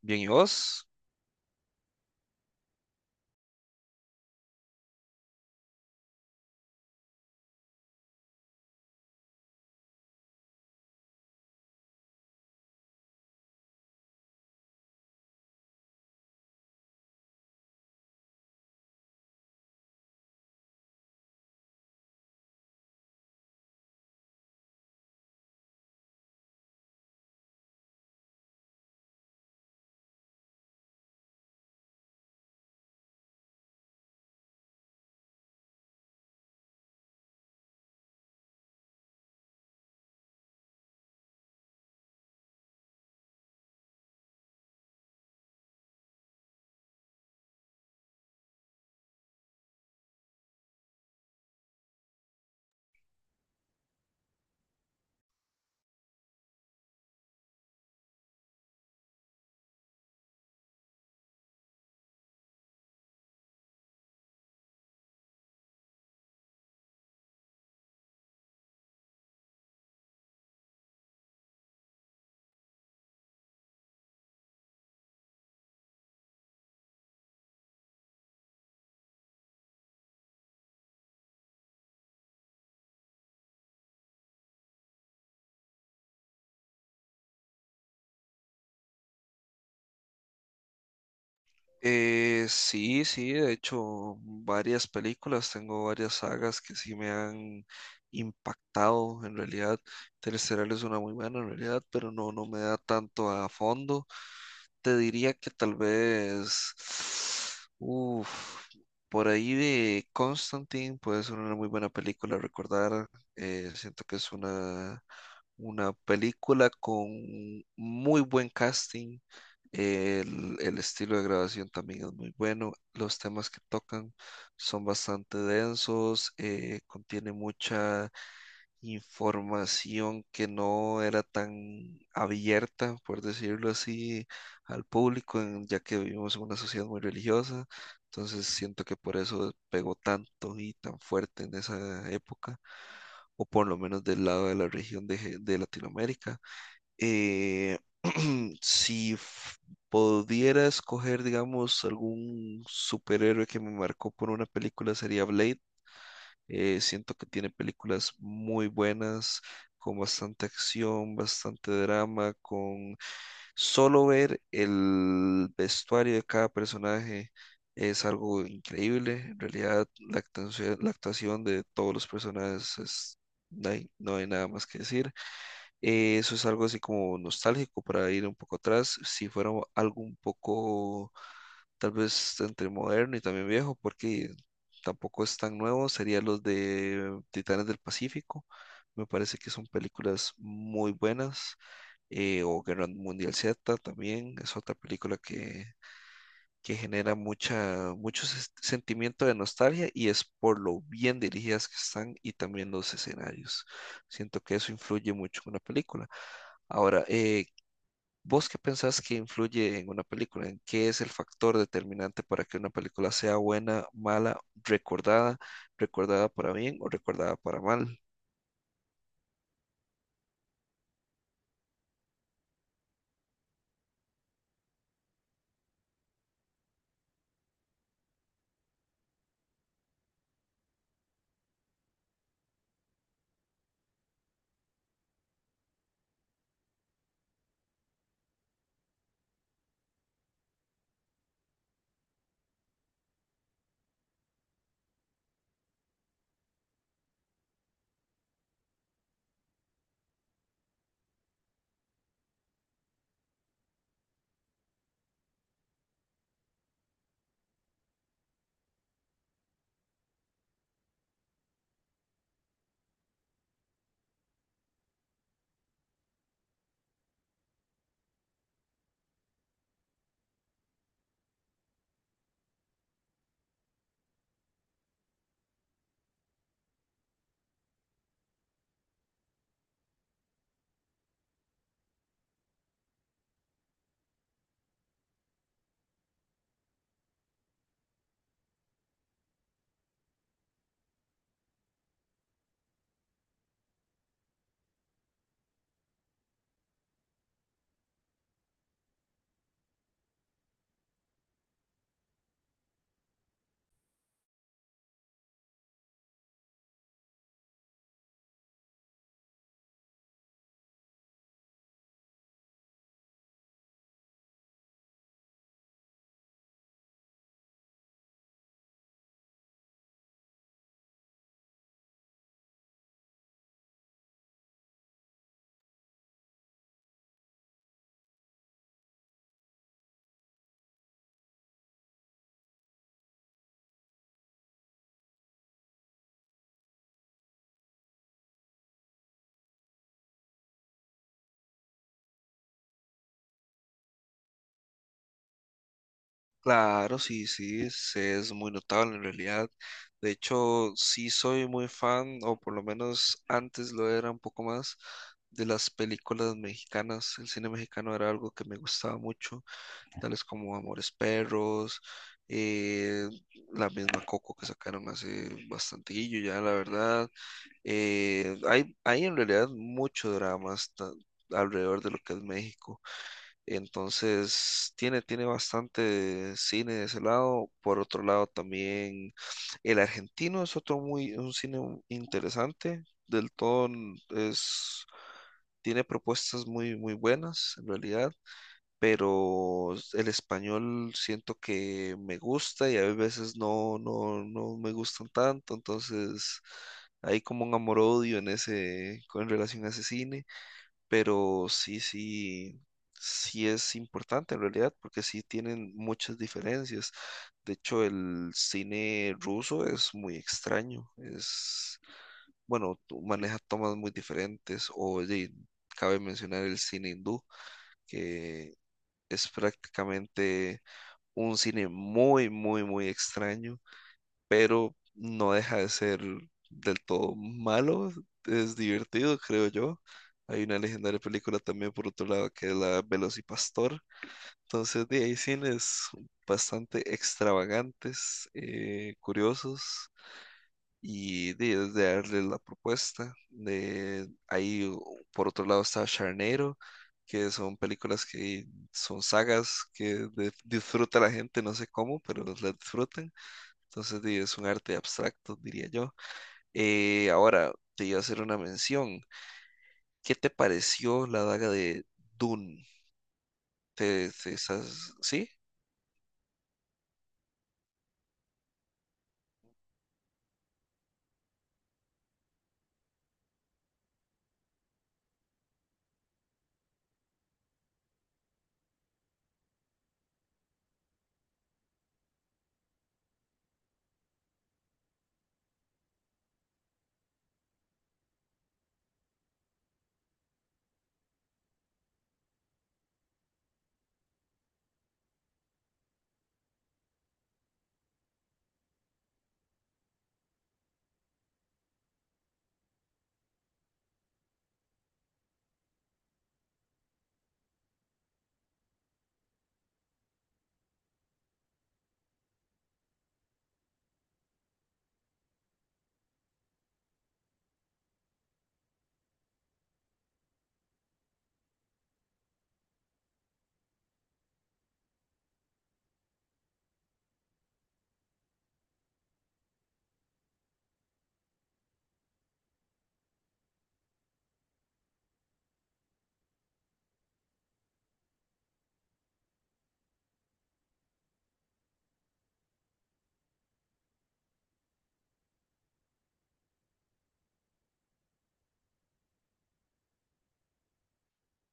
Bien, ¿y vos? Sí, sí, de hecho, varias películas, tengo varias sagas que sí me han impactado en realidad. Interestelar es una muy buena en realidad, pero no, no me da tanto a fondo. Te diría que tal vez, uf, por ahí de Constantine puede ser una muy buena película a recordar. Siento que es una película con muy buen casting. El estilo de grabación también es muy bueno. Los temas que tocan son bastante densos, contiene mucha información que no era tan abierta, por decirlo así, al público, ya que vivimos en una sociedad muy religiosa. Entonces siento que por eso pegó tanto y tan fuerte en esa época, o por lo menos del lado de la región de, de Latinoamérica. Eh, si f- Pudiera escoger, digamos, algún superhéroe que me marcó por una película, sería Blade. Siento que tiene películas muy buenas, con bastante acción, bastante drama, con solo ver el vestuario de cada personaje es algo increíble. En realidad, la actuación de todos los personajes es... No hay, no hay nada más que decir. Eso es algo así como nostálgico para ir un poco atrás. Si fuera algo un poco tal vez entre moderno y también viejo, porque tampoco es tan nuevo, sería los de Titanes del Pacífico. Me parece que son películas muy buenas. O Guerra Mundial Z también es otra que genera mucha, sentimiento de nostalgia y es por lo bien dirigidas que están y también los escenarios. Siento que eso influye mucho en una película. Ahora, ¿vos qué pensás que influye en una película? ¿En qué es el factor determinante para que una película sea buena, mala, recordada, recordada para bien o recordada para mal? Claro, sí, sí, es muy notable en realidad. De hecho, sí soy muy fan, o por lo menos antes lo era un poco más, de las películas mexicanas. El cine mexicano era algo que me gustaba mucho. Tales como Amores Perros, eh, la misma Coco que sacaron hace bastantillo ya, la verdad. Hay en realidad mucho drama hasta alrededor de lo que es México. Entonces, tiene bastante cine de ese lado. Por otro lado, también el argentino es otro muy, un cine interesante. Del todo es, tiene propuestas muy, muy buenas, en realidad, pero el español siento que me gusta y a veces no, no me gustan tanto, entonces hay como un amor-odio en ese, con relación a ese cine, pero sí, sí, sí es importante en realidad, porque sí tienen muchas diferencias. De hecho, el cine ruso es muy extraño, es, bueno, maneja tomas muy diferentes, cabe mencionar el cine hindú, que es prácticamente un cine muy, muy, muy extraño, pero no deja de ser del todo malo. Es divertido, creo yo. Hay una legendaria película también por otro lado que es la Velocipastor. Entonces, de ahí hay cines bastante extravagantes, curiosos y de darle la propuesta. De, ahí, por otro lado, está Charnero, que son películas que son sagas que disfruta la gente, no sé cómo, pero las disfrutan. Entonces, di, es un arte abstracto, diría yo. Ahora, te iba a hacer una mención. ¿Qué te pareció la daga de Dune? Te estás- ¿Sí?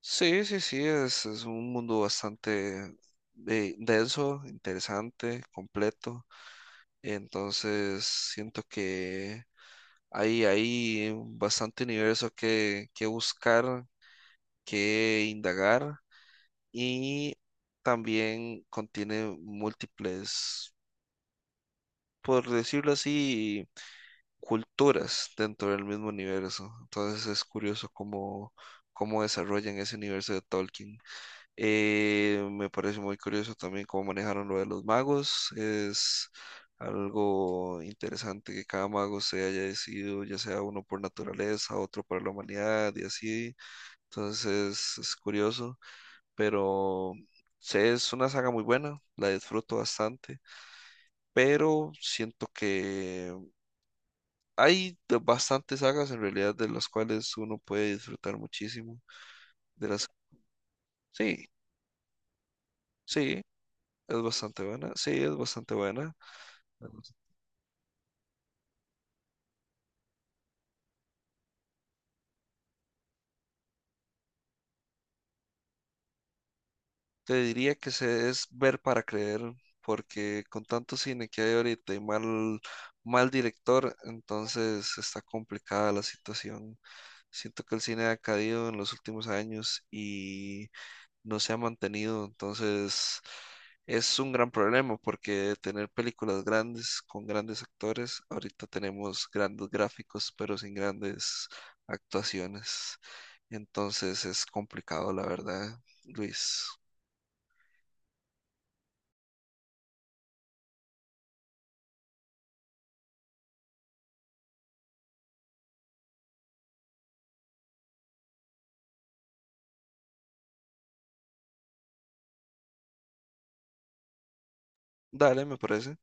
Sí, sí, sí, es un mundo bastante denso, interesante, completo. Entonces, siento que hay bastante universo que buscar, que indagar y también contiene múltiples, por decirlo así, culturas dentro del mismo universo. Entonces es curioso cómo, cómo desarrollan ese universo de Tolkien. Me parece muy curioso también cómo manejaron lo de los magos. Es algo interesante que cada mago se haya decidido, ya sea uno por naturaleza, otro para la humanidad y así. Entonces es curioso, pero sí, es una saga muy buena, la disfruto bastante, pero siento que hay bastantes sagas en realidad de las cuales uno puede disfrutar muchísimo. De las... Sí, sí, es bastante buena, sí, es bastante buena. Te diría que se es ver para creer, porque con tanto cine que hay ahorita y mal, mal director, entonces está complicada la situación. Siento que el cine ha caído en los últimos años y no se ha mantenido, entonces es un gran problema, porque tener películas grandes con grandes actores, ahorita tenemos grandes gráficos, pero sin grandes actuaciones. Entonces es complicado, la verdad, Luis. Dale, me parece.